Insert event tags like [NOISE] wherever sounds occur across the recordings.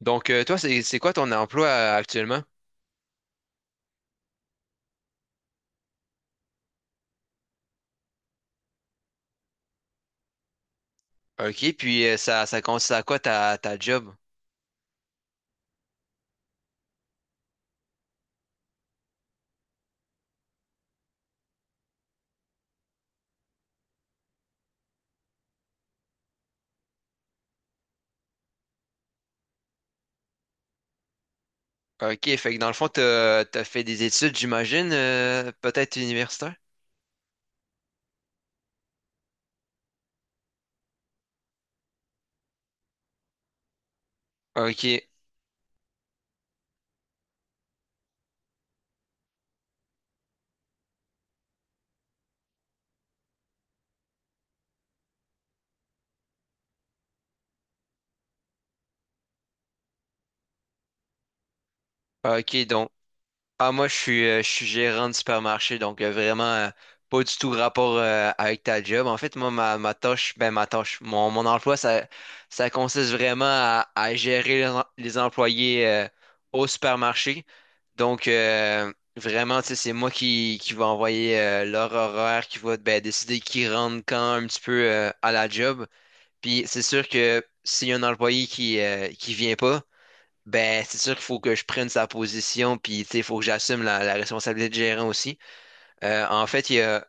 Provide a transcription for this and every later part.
Toi, c'est quoi ton emploi actuellement? OK, puis ça, ça consiste à quoi ta, ta job? OK, fait que dans le fond, t'as, t'as fait des études, j'imagine, peut-être universitaire? OK, OK, Ah, moi, je suis gérant de supermarché, donc vraiment pas du tout rapport avec ta job. En fait, moi, ma tâche, ben ma tâche, mon emploi, ça consiste vraiment à gérer les, em- les employés au supermarché. Donc, vraiment, tu sais, c'est moi qui va envoyer leur horaire, qui va ben, décider qui rentre quand un petit peu à la job. Puis, c'est sûr que s'il y a un employé qui vient pas, ben, c'est sûr qu'il faut que je prenne sa position, puis tu sais, il faut que j'assume la, la responsabilité de gérant aussi. En fait, il y a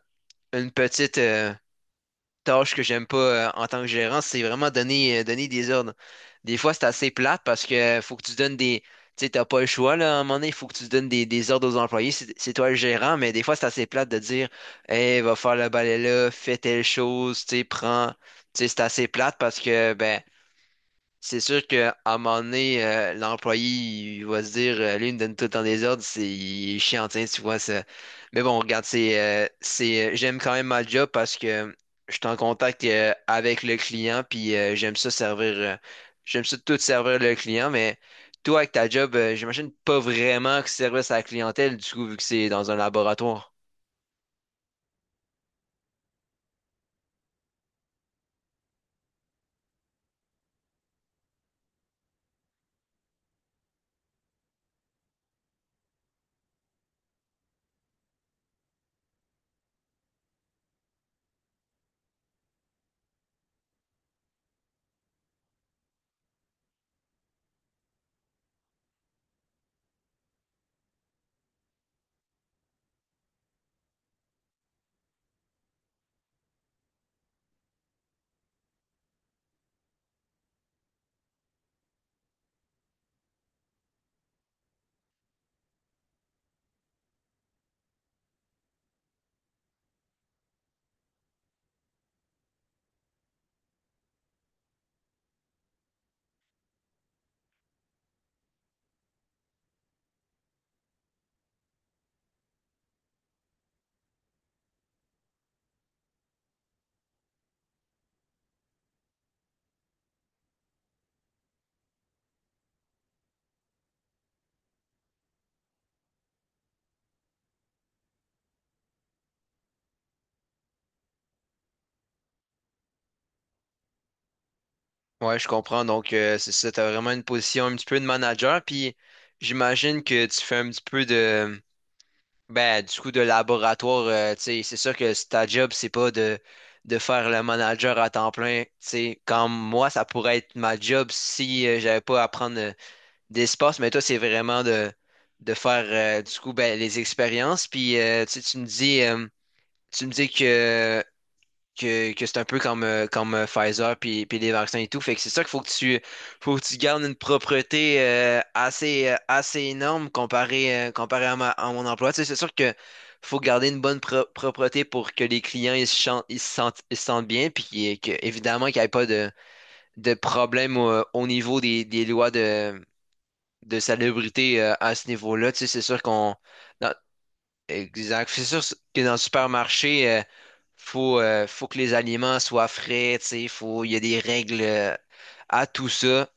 une petite tâche que j'aime pas en tant que gérant, c'est vraiment donner, donner des ordres. Des fois, c'est assez plate parce que faut que tu donnes des. Tu sais, t'as pas le choix, là, à un moment donné, il faut que tu donnes des ordres aux employés. C'est toi le gérant, mais des fois, c'est assez plate de dire Hey, va faire le balai là, fais telle chose, tu sais, prends. Tu sais, c'est assez plate parce que ben c'est sûr qu'à un moment donné, l'employé il va se dire lui, il me donne tout le temps des ordres, c'est il est chiant, tiens, tu vois ça. Mais bon, regarde, c'est j'aime quand même ma job parce que je suis en contact avec le client, puis j'aime ça servir j'aime ça tout servir le client, mais toi avec ta job, j'imagine pas vraiment que service à la clientèle, du coup, vu que c'est dans un laboratoire. Ouais, je comprends. Donc, c'est ça, t'as vraiment une position un petit peu de manager, puis j'imagine que tu fais un petit peu de. Ben, du coup, de laboratoire, tu sais, c'est sûr que c- ta job, c'est pas de, de faire le manager à temps plein. Tu sais, comme moi, ça pourrait être ma job si j'avais pas à prendre d'espace, mais toi, c'est vraiment de faire, du coup, ben, les expériences. Puis, tu sais, tu me dis que c'est un peu comme, comme Pfizer puis, puis les vaccins et tout. Fait que c'est ça qu'il faut que tu gardes une propreté assez, assez énorme comparé, comparé à, ma- à mon emploi. Tu sais, c'est sûr que faut garder une bonne pro- propreté pour que les clients ils se, chan- ils se sentent bien puis qu'il- que, évidemment qu'il n'y ait pas de, de problème au, au niveau des lois de salubrité à ce niveau-là. Tu sais, c'est sûr qu'on dans, Exact. C'est sûr que dans le supermarché, faut, faut que les aliments soient frais, tu sais, faut, il y a des règles à tout ça.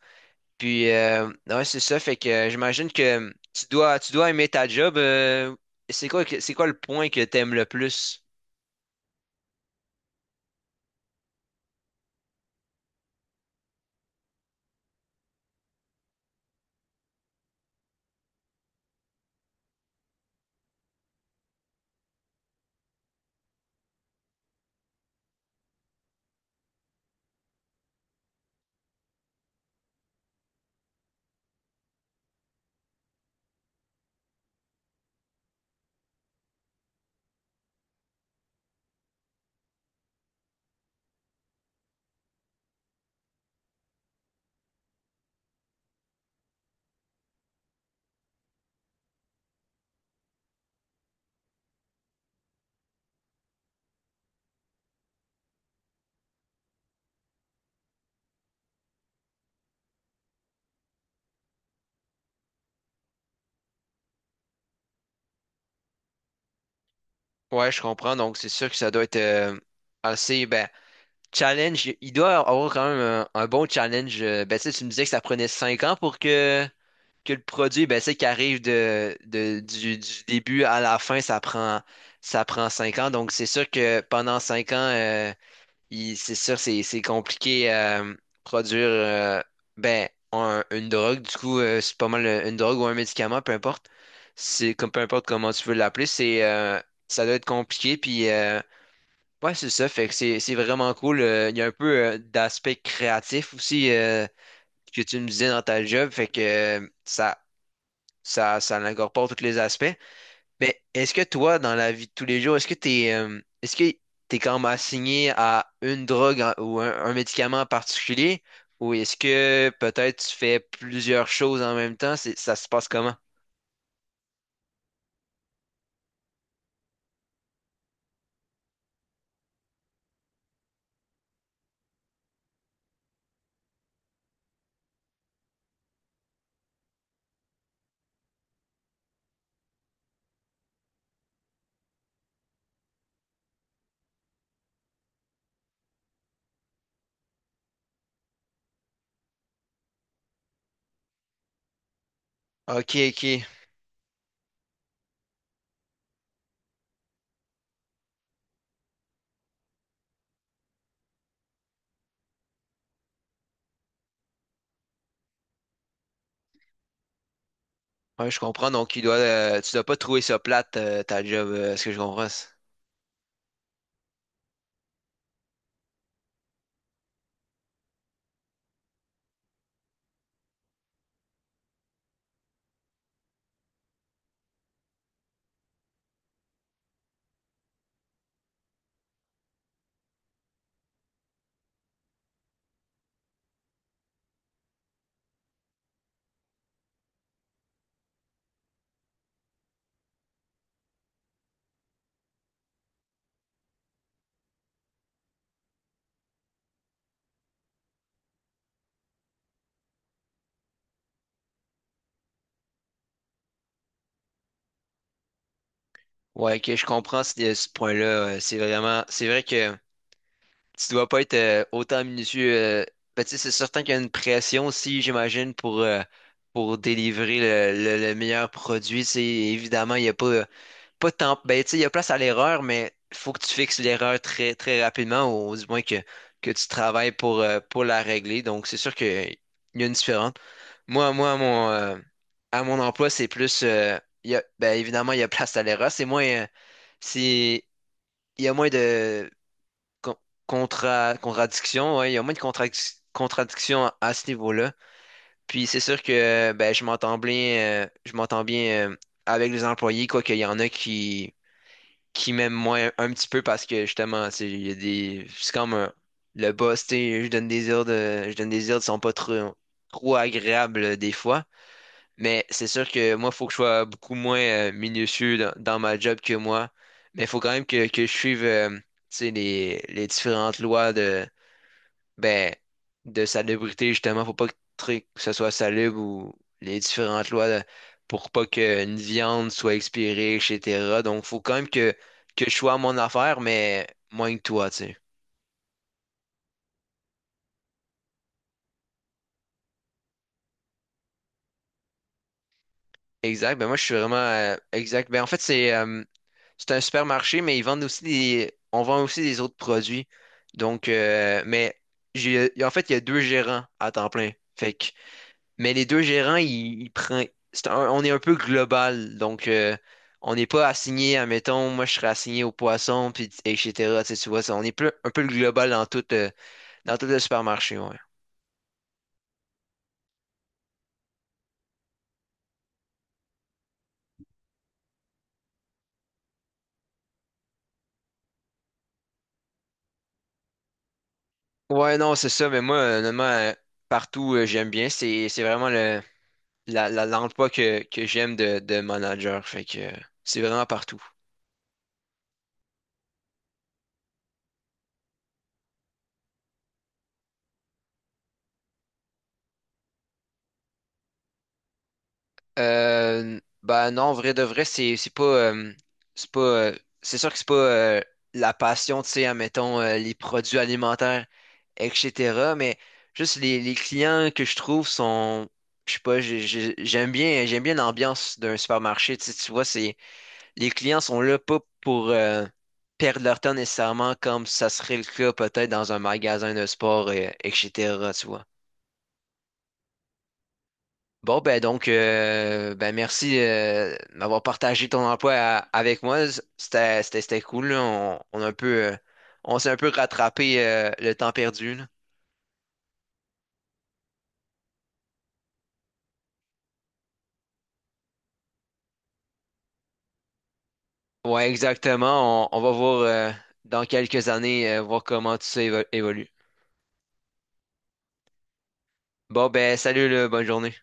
Puis, ouais, c'est ça. Fait que j'imagine que tu dois aimer ta job. C'est quoi, que- c'est quoi le point que t'aimes le plus? Ouais, je comprends. Donc, c'est sûr que ça doit être assez, ben, challenge. Il doit avoir quand même un bon challenge. Ben, tu sais, tu me disais que ça prenait 5 ans pour que le produit, ben, c'est qu'il arrive de- du début à la fin, ça prend 5 ans. Donc, c'est sûr que pendant 5 ans, il- c'est sûr, c'est compliqué produire ben, un- une drogue. Du coup, c'est pas mal une drogue ou un médicament, peu importe. C'est comme peu importe comment tu veux l'appeler, c'est ça doit être compliqué. Puis ouais, c'est ça. Fait que c'est vraiment cool. Il y a un peu d'aspect créatif aussi que tu me disais dans ta job. Fait que ça ça, ça incorpore tous les aspects. Mais est-ce que toi, dans la vie de tous les jours, est-ce que t'es quand même assigné à une drogue en- ou un médicament en particulier? Ou est-ce que peut-être tu fais plusieurs choses en même temps? C'est- ça se passe comment? Ok, ok. Ouais, je comprends. Donc, il doit, tu dois pas trouver ça plate, ta job. Est-ce que je comprends? Ça? Ouais, ok, je comprends ce, ce point-là. C'est vraiment, c'est vrai que. Tu dois pas être autant minutieux. Ben, tu sais, c'est certain qu'il y a une pression aussi, j'imagine, pour délivrer le meilleur produit. Tu sais, évidemment, il y a pas, pas tant, ben, tu sais, il y a place à l'erreur, mais il faut que tu fixes l'erreur très, très rapidement, ou du moins que tu travailles pour la régler. Donc, c'est sûr qu'il y a une différence. Moi, moi, à mon emploi, c'est plus, il y a, ben, évidemment, il y a [LAUGHS] place à l'erreur. C'est moins, c'est, il y a moins de con- contra- contradiction, ouais, il y a moins de contradic- contradictions à ce niveau-là. Puis c'est sûr que ben, je m'entends bien avec les employés, quoi qu'il y en a qui m'aiment moins un petit peu parce que justement, c'est il y a des. C'est comme un- le boss, tu sais, je donne des ordres, je donne des ordres qui sont pas trop, trop agréables des fois. Mais c'est sûr que moi, il faut que je sois beaucoup moins minutieux dans, dans ma job que moi. Mais il faut quand même que je suive tu sais, les différentes lois de, ben, de salubrité, justement, faut pas que, tri- que ce soit salubre ou les différentes lois là, pour pas qu'une viande soit expirée, etc. Donc, faut quand même que je sois à mon affaire, mais moins que toi, tu sais. Exact. Ben, moi, je suis vraiment exact. Ben, en fait, c'est c'est un supermarché, mais ils vendent aussi des, on vend aussi des autres produits. Donc, mais j'ai, en fait, il y a deux gérants à temps plein. Fait que Mais les deux gérants, ils prennent. C'est un- on est un peu global, donc on n'est pas assigné, admettons, moi je serais assigné au poisson, puis etc. Tu sais, tu vois, ça, on est plus, un peu le global dans tout le supermarché, ouais. Ouais, non, c'est ça, mais moi, honnêtement, partout, j'aime bien. C'est vraiment le, la, l'emploi que j'aime de manager. Fait que c'est vraiment partout. Bah non, vrai de vrai, c'est pas c'est sûr que c'est pas la passion, tu sais, admettons les produits alimentaires, etc. Mais juste les clients que je trouve sont je sais pas, j'ai- j'aime bien l'ambiance d'un supermarché. Tu sais, tu vois, c'est les clients sont là pas pour perdre leur temps nécessairement comme ça serait le cas peut-être dans un magasin de sport, etc. Tu vois. Bon, ben donc, ben merci d'avoir partagé ton emploi à- avec moi. C'était, c'était, c'était cool, là. On a un peu, on s'est un peu rattrapé le temps perdu, là. Ouais, exactement. On va voir dans quelques années, voir comment tout ça évo- évolue. Bon, ben salut, là, bonne journée.